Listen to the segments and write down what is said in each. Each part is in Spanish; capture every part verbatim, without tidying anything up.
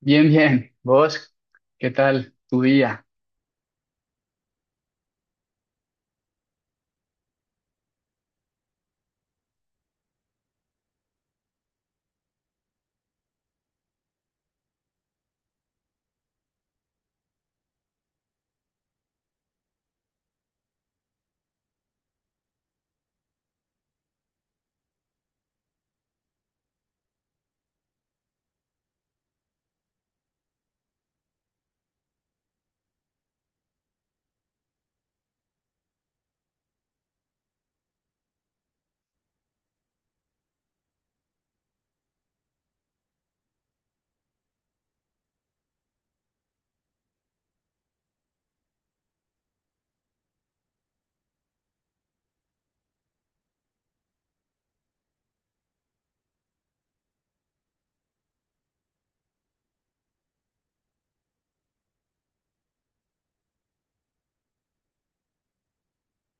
Bien, bien. ¿Vos qué tal tu día?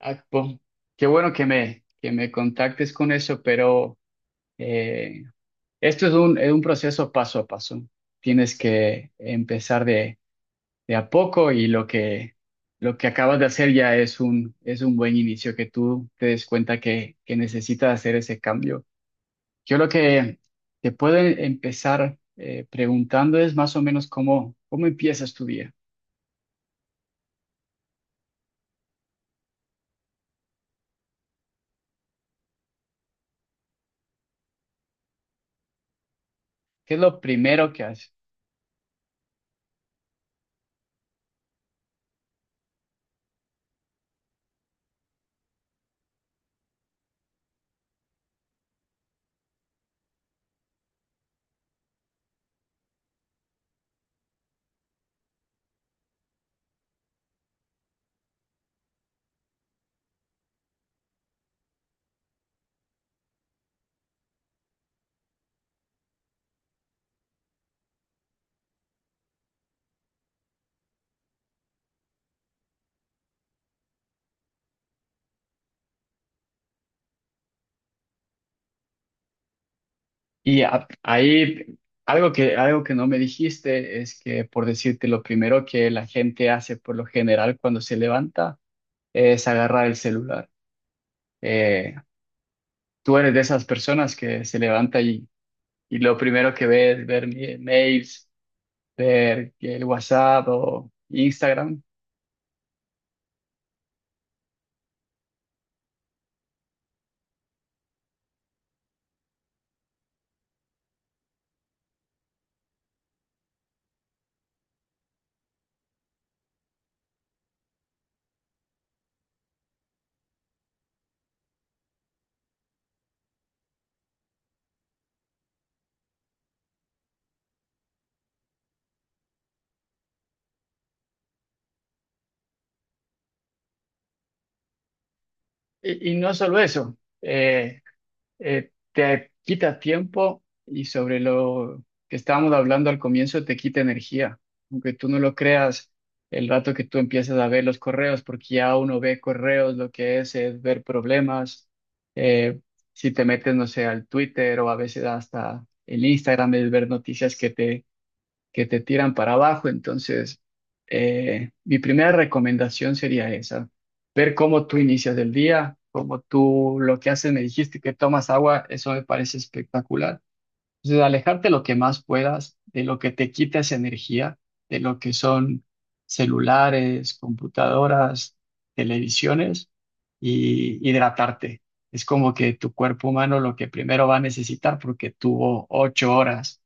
Ah, po- Qué bueno que me, que me contactes con eso, pero eh, esto es un, es un proceso paso a paso. Tienes que empezar de, de a poco y lo que, lo que acabas de hacer ya es un, es un buen inicio, que tú te des cuenta que, que necesitas hacer ese cambio. Yo lo que te puedo empezar eh, preguntando es más o menos cómo, cómo empiezas tu día. ¿Qué es lo primero que haces? Y a- ahí algo que, algo que no me dijiste es que, por decirte, lo primero que la gente hace por lo general cuando se levanta es agarrar el celular. Eh, Tú eres de esas personas que se levanta y, y lo primero que ve es ver mi- mails, ver el WhatsApp o Instagram. Y, y, no solo eso. Eh, eh, te quita tiempo y sobre lo que estábamos hablando al comienzo, te quita energía. Aunque tú no lo creas, el rato que tú empiezas a ver los correos, porque ya uno ve correos, lo que es es ver problemas. Eh, si te metes, no sé, al Twitter o a veces hasta el Instagram, es ver noticias que te que te tiran para abajo. Entonces, eh, mi primera recomendación sería esa, ver cómo tú inicias el día, cómo tú lo que haces, me dijiste que tomas agua, eso me parece espectacular. Entonces, alejarte lo que más puedas de lo que te quita esa energía, de lo que son celulares, computadoras, televisiones, y hidratarte. Es como que tu cuerpo humano lo que primero va a necesitar porque tuvo ocho horas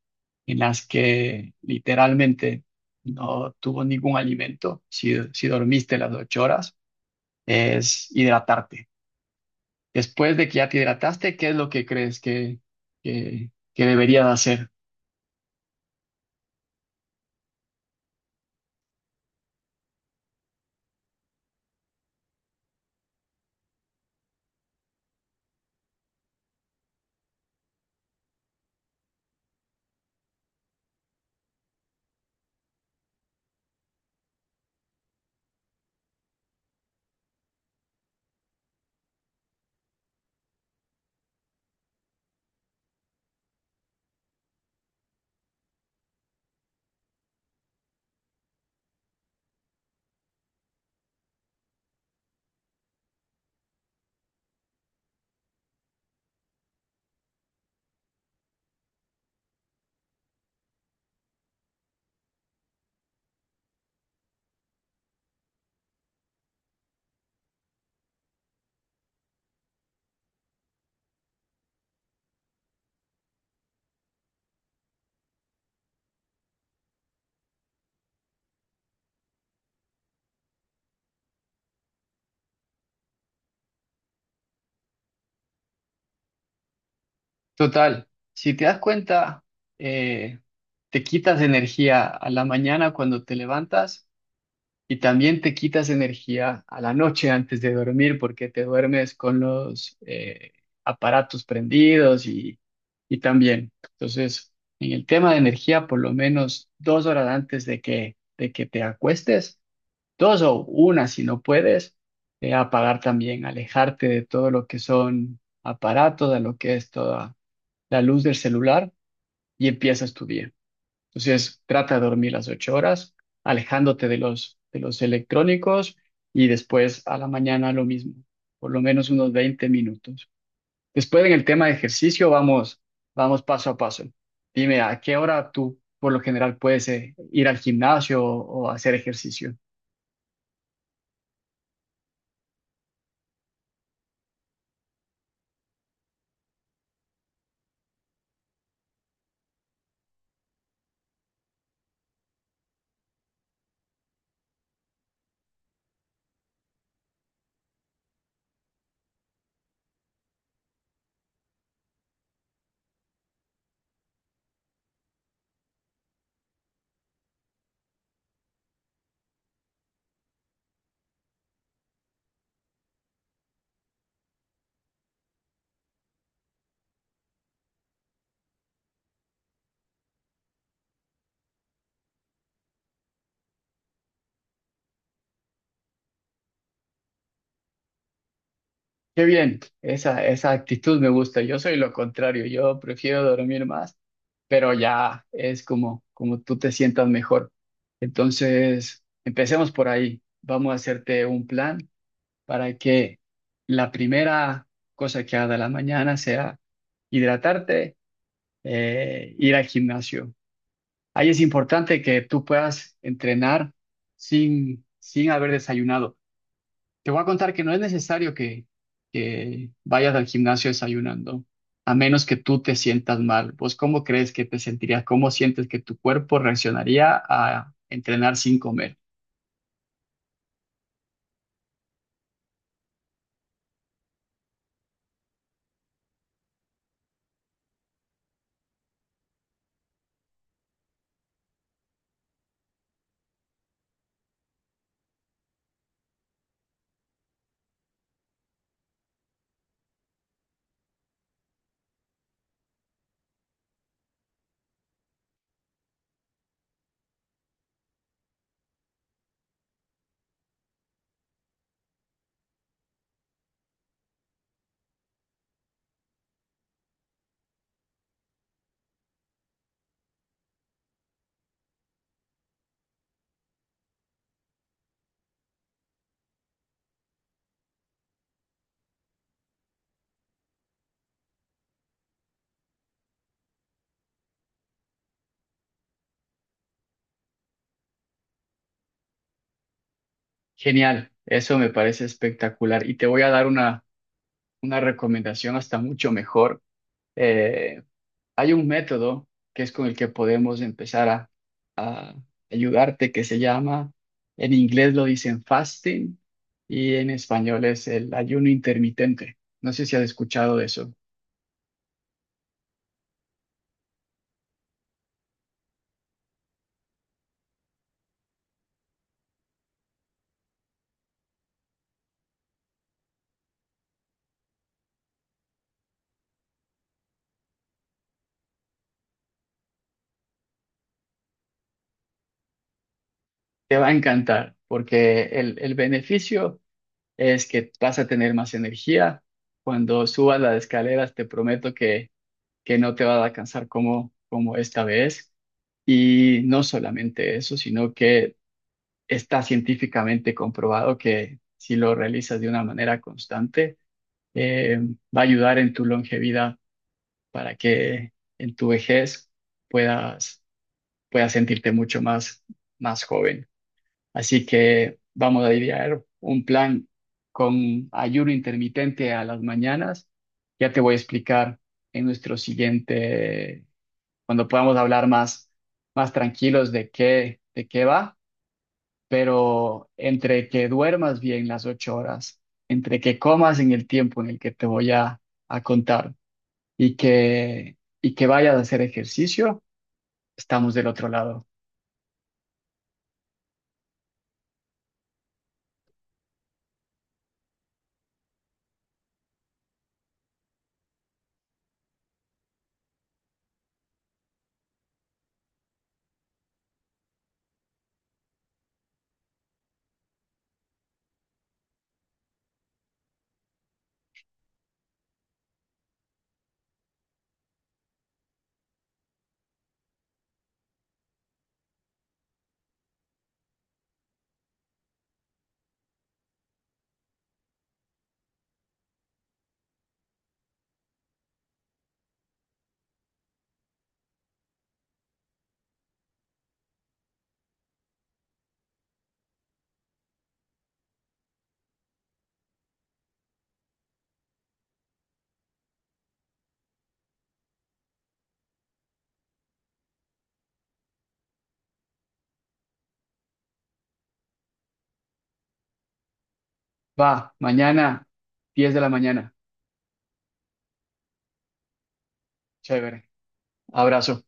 en las que literalmente no tuvo ningún alimento. Si, si dormiste las ocho horas, es hidratarte. Después de que ya te hidrataste, ¿qué es lo que crees que, que, que deberías hacer? Total, si te das cuenta, eh, te quitas energía a la mañana cuando te levantas y también te quitas energía a la noche antes de dormir porque te duermes con los eh, aparatos prendidos y, y también. Entonces, en el tema de energía, por lo menos dos horas antes de que, de que te acuestes, dos o una si no puedes, eh, apagar también, alejarte de todo lo que son aparatos, de lo que es toda la luz del celular y empiezas tu día. Entonces, trata de dormir las ocho horas, alejándote de los, de los electrónicos y después a la mañana lo mismo, por lo menos unos veinte minutos. Después en el tema de ejercicio vamos, vamos paso a paso. Dime, ¿a qué hora tú por lo general puedes eh, ir al gimnasio o, o hacer ejercicio? Qué bien, esa, esa actitud me gusta. Yo soy lo contrario, yo prefiero dormir más pero ya es como, como tú te sientas mejor. Entonces, empecemos por ahí. Vamos a hacerte un plan para que la primera cosa que haga de la mañana sea hidratarte, eh, ir al gimnasio. Ahí es importante que tú puedas entrenar sin, sin haber desayunado. Te voy a contar que no es necesario que, que vayas al gimnasio desayunando, a menos que tú te sientas mal. ¿Vos cómo crees que te sentirías? ¿Cómo sientes que tu cuerpo reaccionaría a entrenar sin comer? Genial, eso me parece espectacular. Y te voy a dar una, una recomendación hasta mucho mejor. Eh, Hay un método que es con el que podemos empezar ayudarte, que se llama, en inglés lo dicen fasting y en español es el ayuno intermitente. No sé si has escuchado de eso. Te va a encantar porque el, el beneficio es que vas a tener más energía. Cuando subas las escaleras, te prometo que, que no te vas a cansar como, como esta vez. Y no solamente eso, sino que está científicamente comprobado que si lo realizas de una manera constante, eh, va a ayudar en tu longevidad para que en tu vejez puedas, puedas sentirte mucho más, más joven. Así que vamos a idear un plan con ayuno intermitente a las mañanas. Ya te voy a explicar en nuestro siguiente, cuando podamos hablar más, más tranquilos de qué, de qué va, pero entre que duermas bien las ocho horas, entre que comas en el tiempo en el que te voy a a contar y que, y que vayas a hacer ejercicio, estamos del otro lado. Va, mañana, diez de la mañana. Chévere. Abrazo.